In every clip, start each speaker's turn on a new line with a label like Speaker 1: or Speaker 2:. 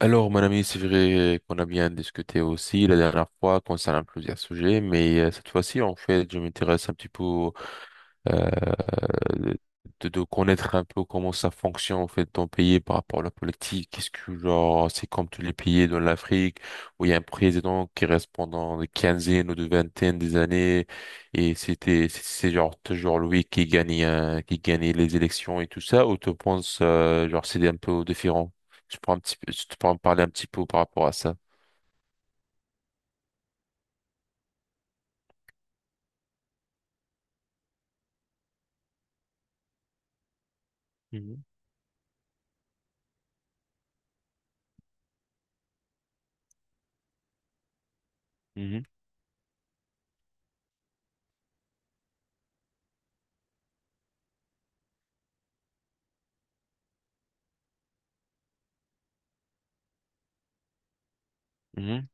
Speaker 1: Alors, mon ami, c'est vrai qu'on a bien discuté aussi la dernière fois concernant plusieurs sujets, mais cette fois-ci, en fait, je m'intéresse un petit peu euh, euh, de connaître un peu comment ça fonctionne en fait ton pays par rapport à la politique. Est-ce que genre c'est comme tous les pays dans l'Afrique où il y a un président qui reste pendant des quinzaines ou de vingtaines des années et c'est genre toujours lui qui gagne qui gagnait les élections et tout ça ou tu penses genre c'est un peu différent? Tu pourrais un petit peu, tu pourrais me parler un petit peu par rapport à ça. Mhm, mhm, mhm.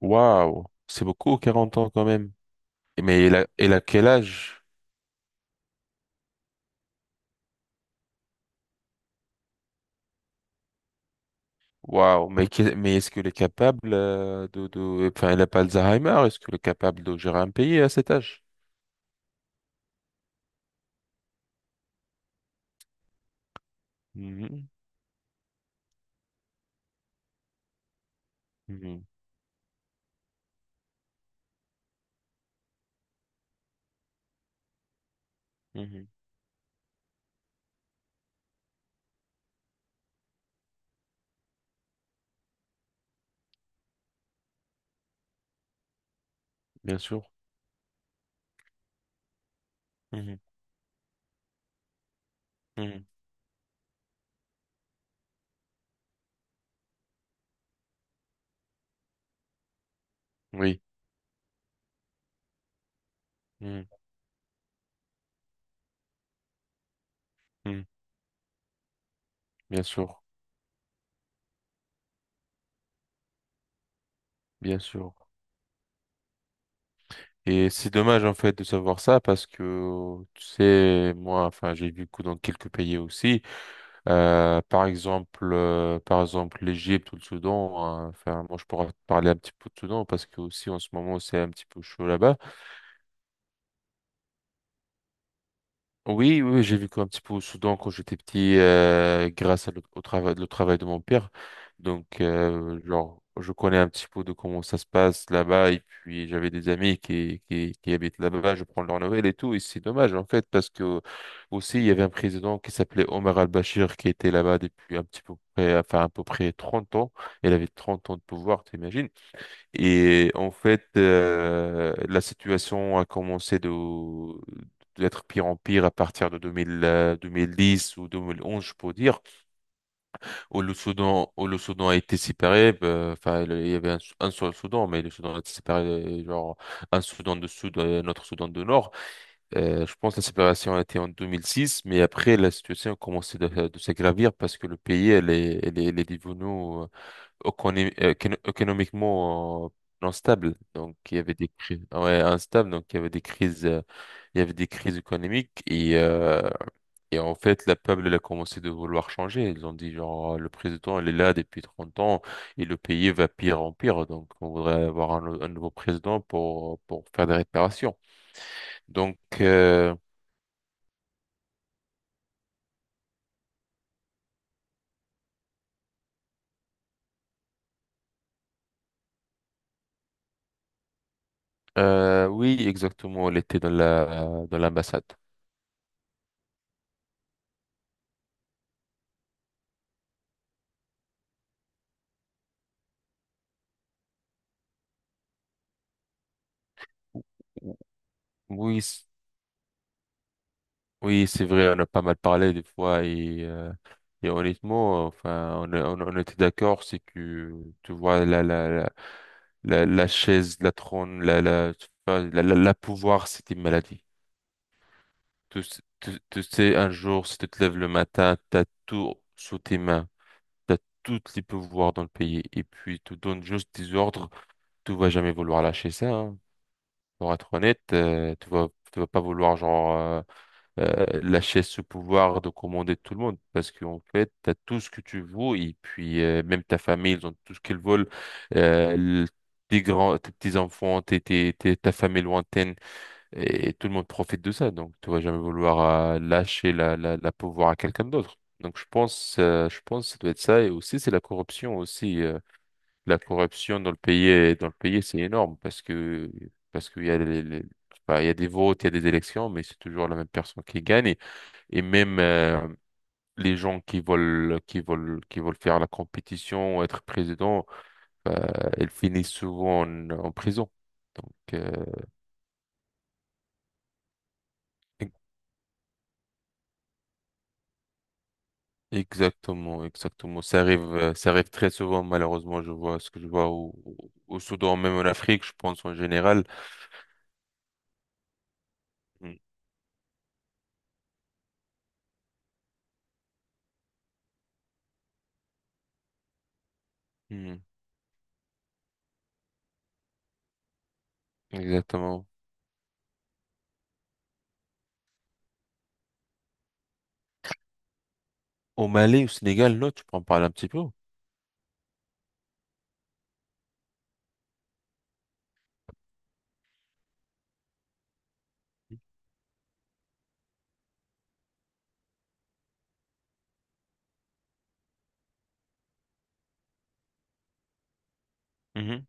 Speaker 1: Waouh, c'est beaucoup 40 ans quand même. Mais il a quel âge? Waouh, mais, mais est-ce qu'il est capable Enfin, il n'a pas Alzheimer, est-ce qu'il est capable de gérer un pays à cet âge? Mhm, mhm, mhm. Bien sûr. Mhm, mhm. Oui, mhm, mhm. Bien sûr, bien sûr. Et c'est dommage en fait de savoir ça parce que, tu sais, moi, enfin, j'ai vécu dans quelques pays aussi. Par exemple, l'Égypte ou le Soudan, hein. Enfin, moi, je pourrais te parler un petit peu de Soudan parce que aussi en ce moment, c'est un petit peu chaud là-bas. Oui, oui, j'ai vécu un petit peu au Soudan quand j'étais petit, grâce à au travail, le travail de mon père. Donc, genre, je connais un petit peu de comment ça se passe là-bas. Et puis, j'avais des amis qui habitent là-bas. Je prends leurs nouvelles et tout. Et c'est dommage, en fait, parce que aussi, il y avait un président qui s'appelait Omar al-Bashir qui était là-bas depuis un petit peu près, enfin, à peu près 30 ans. Il avait 30 ans de pouvoir, t'imagines? Et en fait, la situation a commencé de d'être pire en pire à partir de 2000, 2010 ou 2011, je peux dire, où le Soudan a été séparé. Enfin, il y avait un seul Soudan, mais le Soudan a été séparé, genre un Soudan du Sud et un autre Soudan du Nord. Je pense que la séparation a été en 2006, mais après, la situation a commencé de s'agravir parce que le pays, elle est devenue économiquement non stable. Donc il y avait des crises, ouais, instable. Donc il y avait des crises, il y avait des crises économiques et en fait la peuple elle a commencé de vouloir changer. Ils ont dit le président il est là depuis 30 ans et le pays va pire en pire. Donc on voudrait avoir un nouveau président pour faire des réparations. Donc euh, oui exactement, elle était dans la dans l'ambassade. Oui, oui, c'est vrai, on a pas mal parlé des fois et honnêtement, enfin, on était d'accord, c'est que tu vois la chaise, la trône, la la tu vois, la pouvoir, c'était une maladie. Tu sais, un jour, si tu te lèves le matin, t'as tout sous tes mains, t'as tous les pouvoirs dans le pays et puis tu donnes juste des ordres, tu vas jamais vouloir lâcher ça, hein. Pour être honnête, tu vas pas vouloir lâcher ce pouvoir de commander tout le monde parce qu'en fait, tu as tout ce que tu veux et puis même ta famille, ils ont tout ce qu'ils veulent. Euh, le- Tes grands, tes petits-enfants, ta famille lointaine et tout le monde profite de ça. Donc, tu vas jamais vouloir lâcher la pouvoir à quelqu'un d'autre. Donc, je pense que ça doit être ça. Et aussi, c'est la corruption aussi. La corruption dans le pays, c'est énorme parce que, parce qu'il y a je sais pas, il y a des votes, il y a des élections, mais c'est toujours la même personne qui gagne. Et même les gens qui veulent faire la compétition, être président, bah, ils finissent souvent en prison. Donc, e- exactement, exactement. Ça arrive très souvent, malheureusement. Je vois ce que je vois au Soudan, même en Afrique, je pense en général. Mm. Mm. Exactement. Au Mali, au Sénégal, non, tu peux en parler un petit peu. Mhm,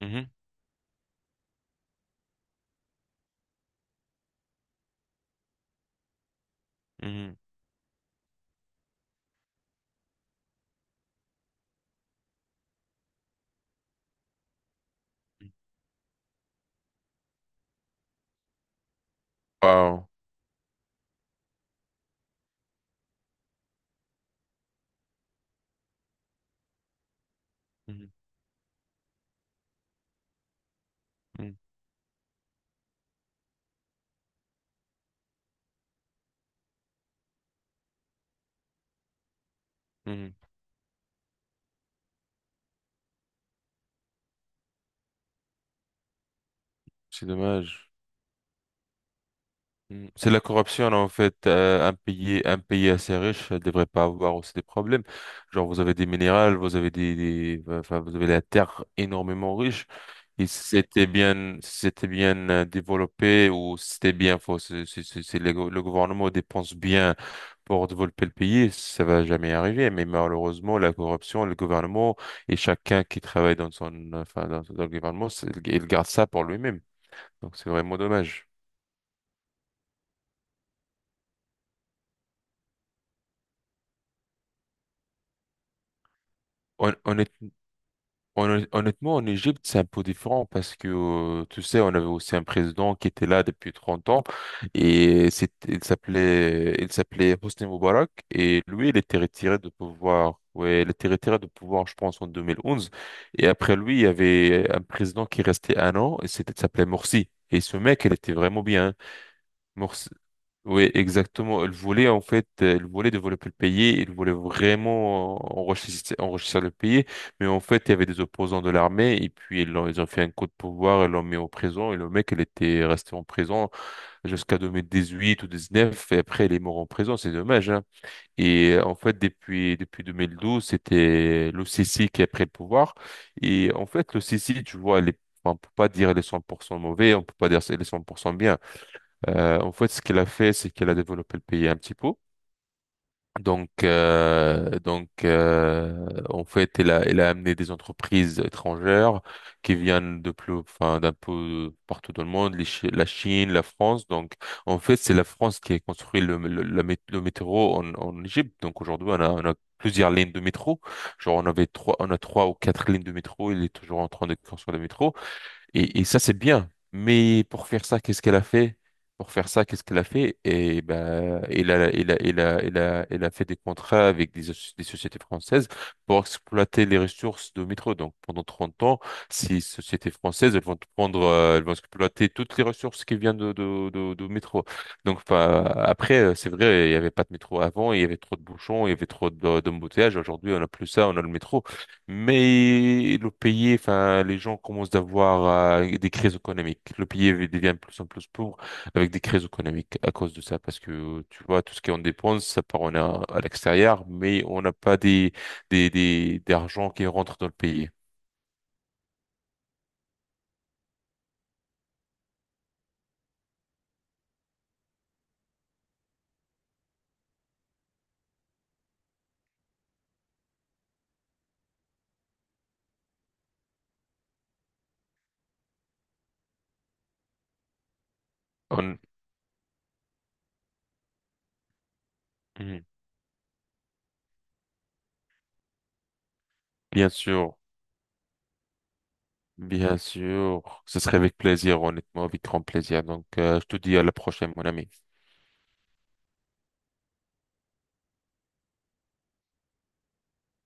Speaker 1: mhm, mhm. Wow. Mhm, mhm, mhm. C'est dommage. Mm. C'est la corruption, en fait. Un pays assez riche ne devrait pas avoir aussi des problèmes. Genre, vous avez des minérales, vous avez enfin, vous avez la terre énormément riche. Et si c'était bien, si c'était bien développé ou si c'était bien faux. C'est le gouvernement dépense bien pour développer le pays, ça va jamais arriver. Mais malheureusement, la corruption, le gouvernement et chacun qui travaille dans son, enfin, dans le gouvernement, il garde ça pour lui-même. Donc, c'est vraiment dommage. Hon- Honnêtement, en Égypte, c'est un peu différent parce que, tu sais, on avait aussi un président qui était là depuis 30 ans et il s'appelait Hosni Moubarak et lui, il était retiré de pouvoir. Ouais, il était retiré de pouvoir, je pense, en 2011. Et après lui, il y avait un président qui restait un an et c'était, il s'appelait Morsi. Et ce mec, il était vraiment bien. Oui, exactement. Elle voulait, en fait, elle voulait développer le pays, elle voulait vraiment enrichir, enrichir le pays, mais en fait, il y avait des opposants de l'armée, et puis ils ont fait un coup de pouvoir, ils l'ont mis en prison, et le mec, il était resté en prison jusqu'à 2018 ou 2019, et après, il est mort en prison, c'est dommage, hein. Et en fait, depuis 2012, c'était l'OCC qui a pris le pouvoir, et en fait, l'OCC, tu vois, elle est, enfin, on peut pas dire elle est 100% mauvais, on peut pas dire elle est 100% bien. En fait, ce qu'elle a fait, c'est qu'elle a développé le pays un petit peu. En fait, elle a amené des entreprises étrangères qui viennent de plus, enfin, d'un peu partout dans le monde, la Chine, la France. Donc, en fait, c'est la France qui a construit le métro en Égypte. Donc, aujourd'hui, on a plusieurs lignes de métro. Genre, on a trois ou quatre lignes de métro. Il est toujours en train de construire le métro. Et ça, c'est bien. Mais pour faire ça, qu'est-ce qu'elle a fait? Pour faire ça, qu'est-ce qu'elle a fait? Et ben, elle a fait des contrats avec des sociétés françaises pour exploiter les ressources de métro. Donc, pendant 30 ans, ces sociétés françaises, elles vont te prendre, elles vont exploiter toutes les ressources qui viennent de métro. Donc, enfin, après, c'est vrai, il n'y avait pas de métro avant, il y avait trop de bouchons, il y avait d'embouteillages. Aujourd'hui, on n'a plus ça, on a le métro. Mais le pays, enfin, les gens commencent d'avoir des crises économiques. Le pays devient de plus en plus pauvre avec des crises économiques à cause de ça, parce que tu vois, tout ce qu'on dépense, ça part on a à l'extérieur, mais on n'a pas des des d'argent qui rentre dans le pays. On- Mhm. Bien sûr, bien sûr, ce serait avec plaisir, honnêtement, avec grand plaisir. Donc, je te dis à la prochaine, mon ami.